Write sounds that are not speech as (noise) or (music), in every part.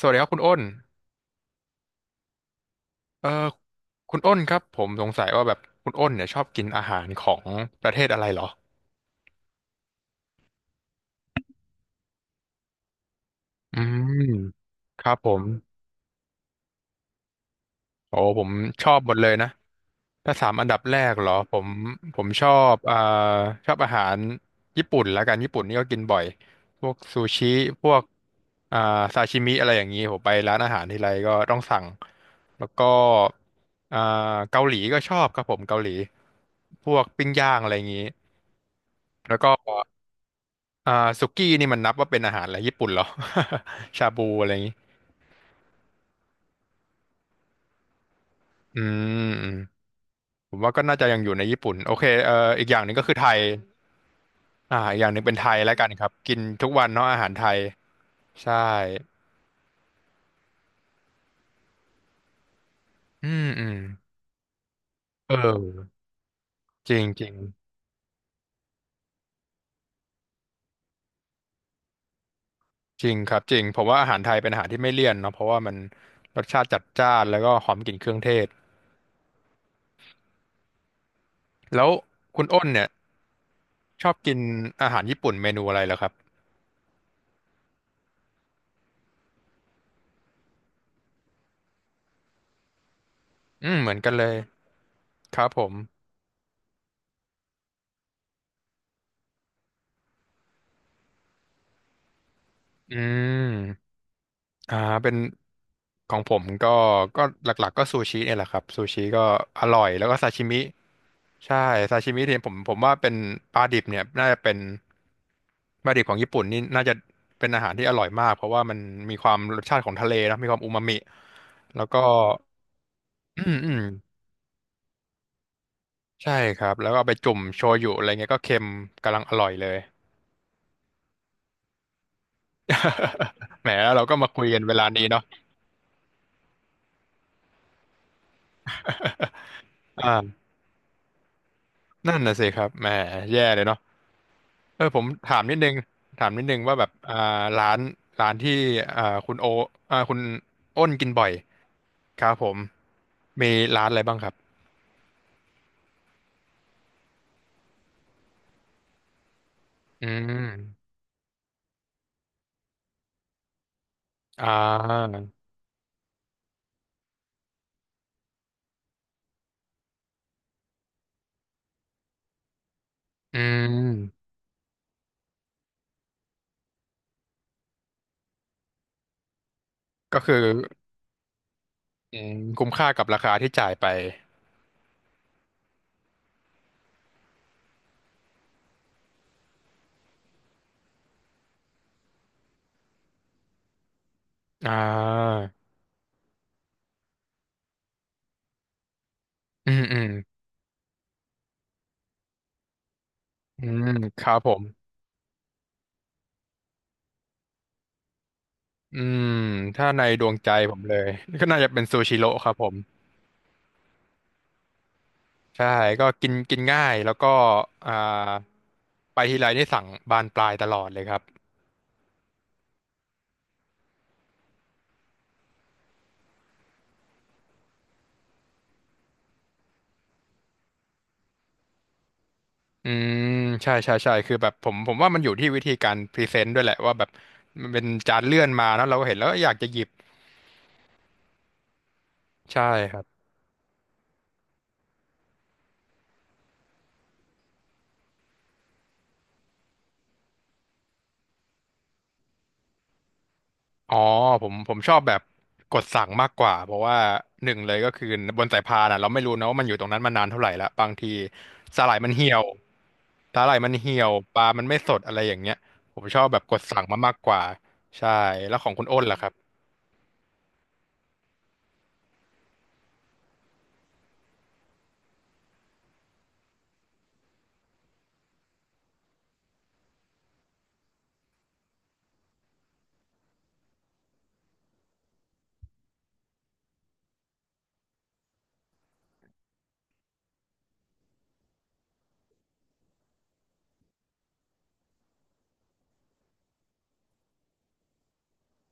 สวัสดีครับคุณอ้นเอ่อคุณอ้นครับผมสงสัยว่าแบบคุณอ้นเนี่ยชอบกินอาหารของประเทศอะไรเหรออืมครับผมโอ้ผมชอบหมดเลยนะถ้าสามอันดับแรกเหรอผมชอบชอบอาหารญี่ปุ่นละกันญี่ปุ่นนี่ก็กินบ่อยพวกซูชิพวกอ่าซาชิมิอะไรอย่างนี้ผมไปร้านอาหารทีไรก็ต้องสั่งแล้วก็อ่าเกาหลีก็ชอบครับผมเกาหลีพวกปิ้งย่างอะไรอย่างนี้แล้วก็ อ่าสุกี้นี่มันนับว่าเป็นอาหารอะไรญี่ปุ่นเหรอ (laughs) ชาบูอะไรอย่างนี้อืมอืมผมว่าก็น่าจะยังอยู่ในญี่ปุ่นโอเคอีกอย่างหนึ่งก็คือไทยอีกอย่างหนึ่งเป็นไทยแล้วกันครับกินทุกวันเนาะอาหารไทยใช่อืมอืมเออจริงจริงจริงครับจริงผมว่าอาหารไทยเป็นอาหารที่ไม่เลี่ยนเนาะเพราะว่ามันรสชาติจัดจ้านแล้วก็หอมกลิ่นเครื่องเทศแล้วคุณอ้นเนี่ยชอบกินอาหารญี่ปุ่นเมนูอะไรเหรอครับอืมเหมือนกันเลยครับผมอืม อ่าเป็นของผมก็ก็หลักๆก็ซูชิเนี่ยแหละครับซูชิก็อร่อยแล้วก็ซาชิมิใช่ซาชิมิเนี่ยผมว่าเป็นปลาดิบเนี่ยน่าจะเป็นปลาดิบของญี่ปุ่นนี่น่าจะเป็นอาหารที่อร่อยมากเพราะว่ามันมีความรสชาติของทะเลนะมีความอูมามิแล้วก็ (clears throat) อืมอืมใช่ครับแล้วก็เอาไปจุ่มโชยุอะไรเงี้ยก็เค็มกำลังอร่อยเลย (laughs) แหมแล้วเราก็มาคุยกันเวลานี้เนาะ (laughs) อ่านั่นน่ะสิครับแหมแย่เลยเนาะ เออผมถามนิดนึงถามนิดนึงว่าแบบร้านที่อ่าคุณโอคุณอ้นกินบ่อยครับผมมีร้านอะไรบ้างครับอืมอ่าอืมก็คืออืมคุ้มค่ากับราคาที่จ่ายไปอ่าอืมอืมอืมครับผมอืมถ้าในดวงใจผมเลยก็น่าจะเป็นซูชิโร่ครับผมใช่ก็กินกินง่ายแล้วก็อ่าไปทีไรนี่สั่งบานปลายตลอดเลยครับ อืมใช่ใช่ใช่คือแบบผมว่ามันอยู่ที่วิธีการพรีเซนต์ด้วยแหละว่าแบบมันเป็นจานเลื่อนมาแล้วเราก็เห็นแล้วก็อยากจะหยิบใช่ครับอ๋อผมชอบแบบกดสั่งมากกว่าเพราะว่าหนึ่งเลยก็คือบนสายพานอ่ะเราไม่รู้นะว่ามันอยู่ตรงนั้นมานานเท่าไหร่ละบางทีสาหร่ายมันเหี่ยวสาหร่ายมันเหี่ยวปลามันไม่สดอะไรอย่างเงี้ยผมชอบแบบกดสั่งมามากกว่าใช่แล้วของคุณอ้นล่ะครับ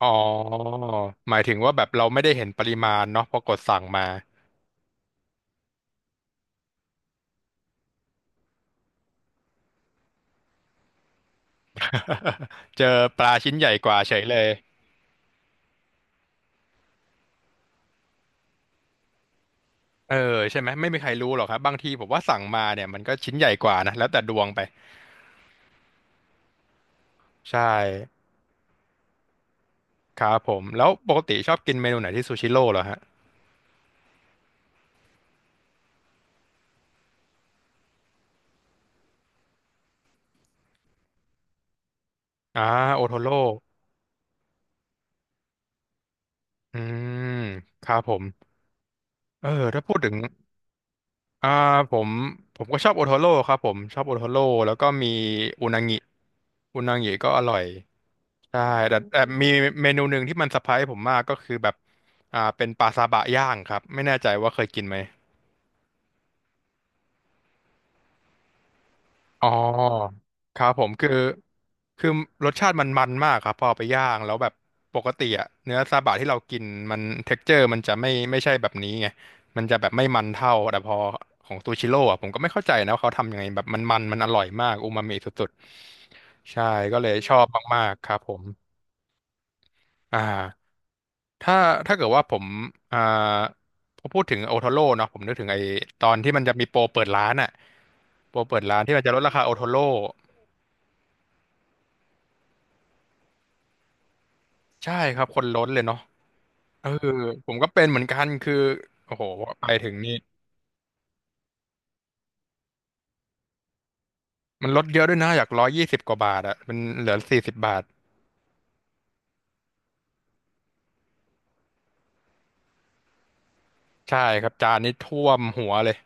อ๋อหมายถึงว่าแบบเราไม่ได้เห็นปริมาณเนาะพอกดสั่งมา (laughs) เจอปลาชิ้นใหญ่กว่าเฉยเลย เออใช่ไหมไม่มีใครรู้หรอกครับบางทีผมว่าสั่งมาเนี่ยมันก็ชิ้นใหญ่กว่านะแล้วแต่ดวงไปใช่ครับผมแล้วปกติชอบกินเมนูไหนที่ซูชิโร่เหรอฮะอ่าโอโทโร่อืมครับผมเออถ้าพูดถึงอ่าผมก็ชอบโอโทโร่ครับผมชอบโอโทโร่แล้วก็มีอุนางิอุนางิก็อร่อยใช่แต่มีเมนูหนึ่งที่มันเซอร์ไพรส์ผมมากก็คือแบบเป็นปลาซาบะย่างครับไม่แน่ใจว่าเคยกินไหม อ๋อครับผมคือคือรสชาติมันมันมากครับพอเอาไปย่างแล้วแบบปกติอะเนื้อซาบะที่เรากินมันเท็กเจอร์มันจะไม่ไม่ใช่แบบนี้ไงมันจะแบบไม่มันเท่าแต่พอของซูชิโร่อะผมก็ไม่เข้าใจนะว่าเขาทำยังไงแบบมันมันมันอร่อยมากอูมามิสุดๆใช่ก็เลยชอบมากๆครับผมอ่าถ้าถ้าเกิดว่าผมอ่าพอพูดถึงโอโทโร่เนาะผมนึกถึงไอ้ตอนที่มันจะมีโปรเปิดร้านอะโปรเปิดร้านที่มันจะลดราคาโอโทโร่ ใช่ครับคนล้นเลยเนาะเออผมก็เป็นเหมือนกันคือโอ้โหไปถึงนี่มันลดเยอะด้วยนะอยากร้อยยี่สิบกว่าบาทอะมันเหลือสี่สิบบาทใช่ครับจานนี้ท่วมหัวเลย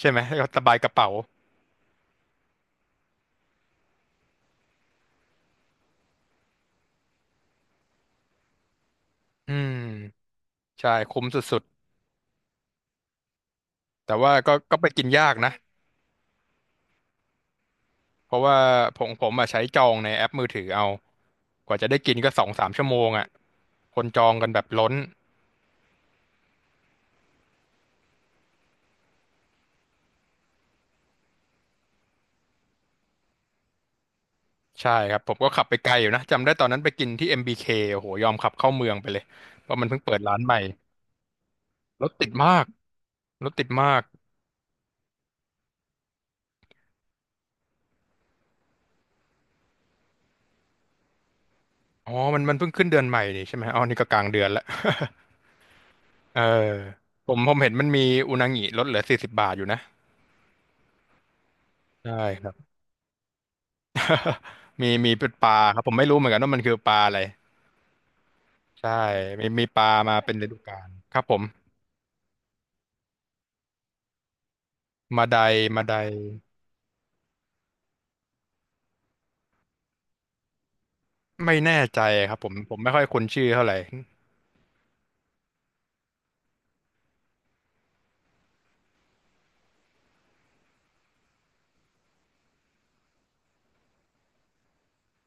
ใช่ไหมก็สบายกระเป๋าอืมใช่คุ้มสุดๆแต่ว่าก็ก็ไปกินยากนะเพราะว่าผมอะใช้จองในแอปมือถือเอากว่าจะได้กินก็สองสามชั่วโมงอะคนจองกันแบบล้นใช่ครับผมก็ขับไปไกลอยู่นะจำได้ตอนนั้นไปกินที่ MBK โอ้โหยอมขับเข้าเมืองไปเลยเพราะมันเพิ่งเปิดร้านใหม่รถติดมาก รถติดมากอ๋อมันเพิ่งขึ้นเดือนใหม่นี่ใช่ไหมอ๋อนี่ก็กลางเดือนละ (laughs) เออผมเห็นมันมีอุนางิลดเหลือสี่สิบบาทอยู่นะใช่ครับมีเป็นปลาครับผมไม่รู้เหมือนกันว่ามันคือปลาอะไรใช่มีปลามาเป็นฤดูกาลครับผมมาไดมาไดไม่แน่ใจครับผมผมไม่ค่อยคุ้นชื่อเท่าไหร่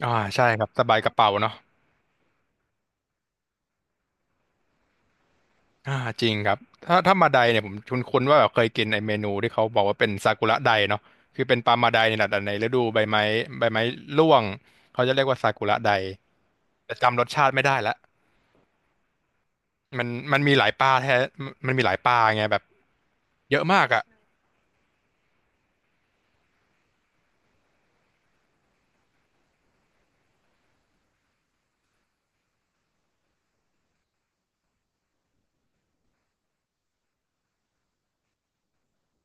อ่าใช่ครับสบายกระเป๋าเนาะ อ่าจริงครับถ้ามาไดเนี่ยผมคุ้นๆว่าแบบเคยกินไอเมนูที่เขาบอกว่าเป็นซากุระไดเนาะคือเป็นปลามาไดในหละแต่ในฤดูใบไม้ใบไม้ร่วงเขาจะเรียกว่าซากุระไดแต่จำรสชาติไม่ได้ละมันมันมีหลายปลาแท้มีหลายปลาไงแบบเยอะมากอ่ะ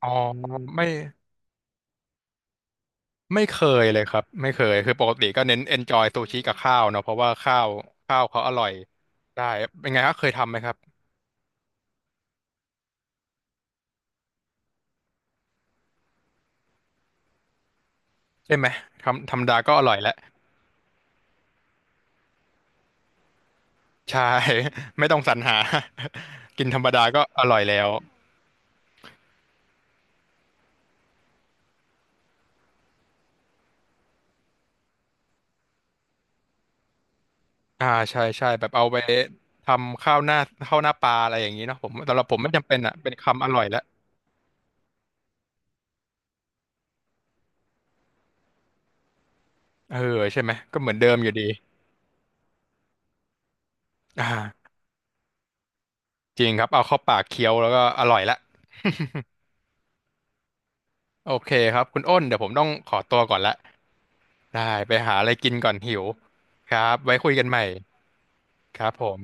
อ๋อไม่ไม่เคยเลยครับไม่เคยคือปกติก็เน้น enjoy ซูชิกับข้าวเนาะเพราะว่าข้าวเขาอร่อยได้เป็นไงครับเคยทำไหมครับใช่ไหมทำธรรมดาก็อร่อยแล้ว ใช่ (laughs) ไม่ต้องสรรหา (laughs) กินธรรมดาก็อร่อยแล้วใช่ใช่แบบเอาไปทำข้าวหน้าปลาอะไรอย่างนี้เนาะผมสำหรับผมไม่จำเป็นอ่ะเป็นคำอร่อยแล้วเออใช่ไหมก็เหมือนเดิมอยู่ดีอ่าจริงครับเอาเข้าปากเคี้ยวแล้วก็อร่อยละ (laughs) โอเคครับคุณอ้นเดี๋ยวผมต้องขอตัวก่อนละได้ไปหาอะไรกินก่อนหิวครับไว้คุยกันใหม่ครับผม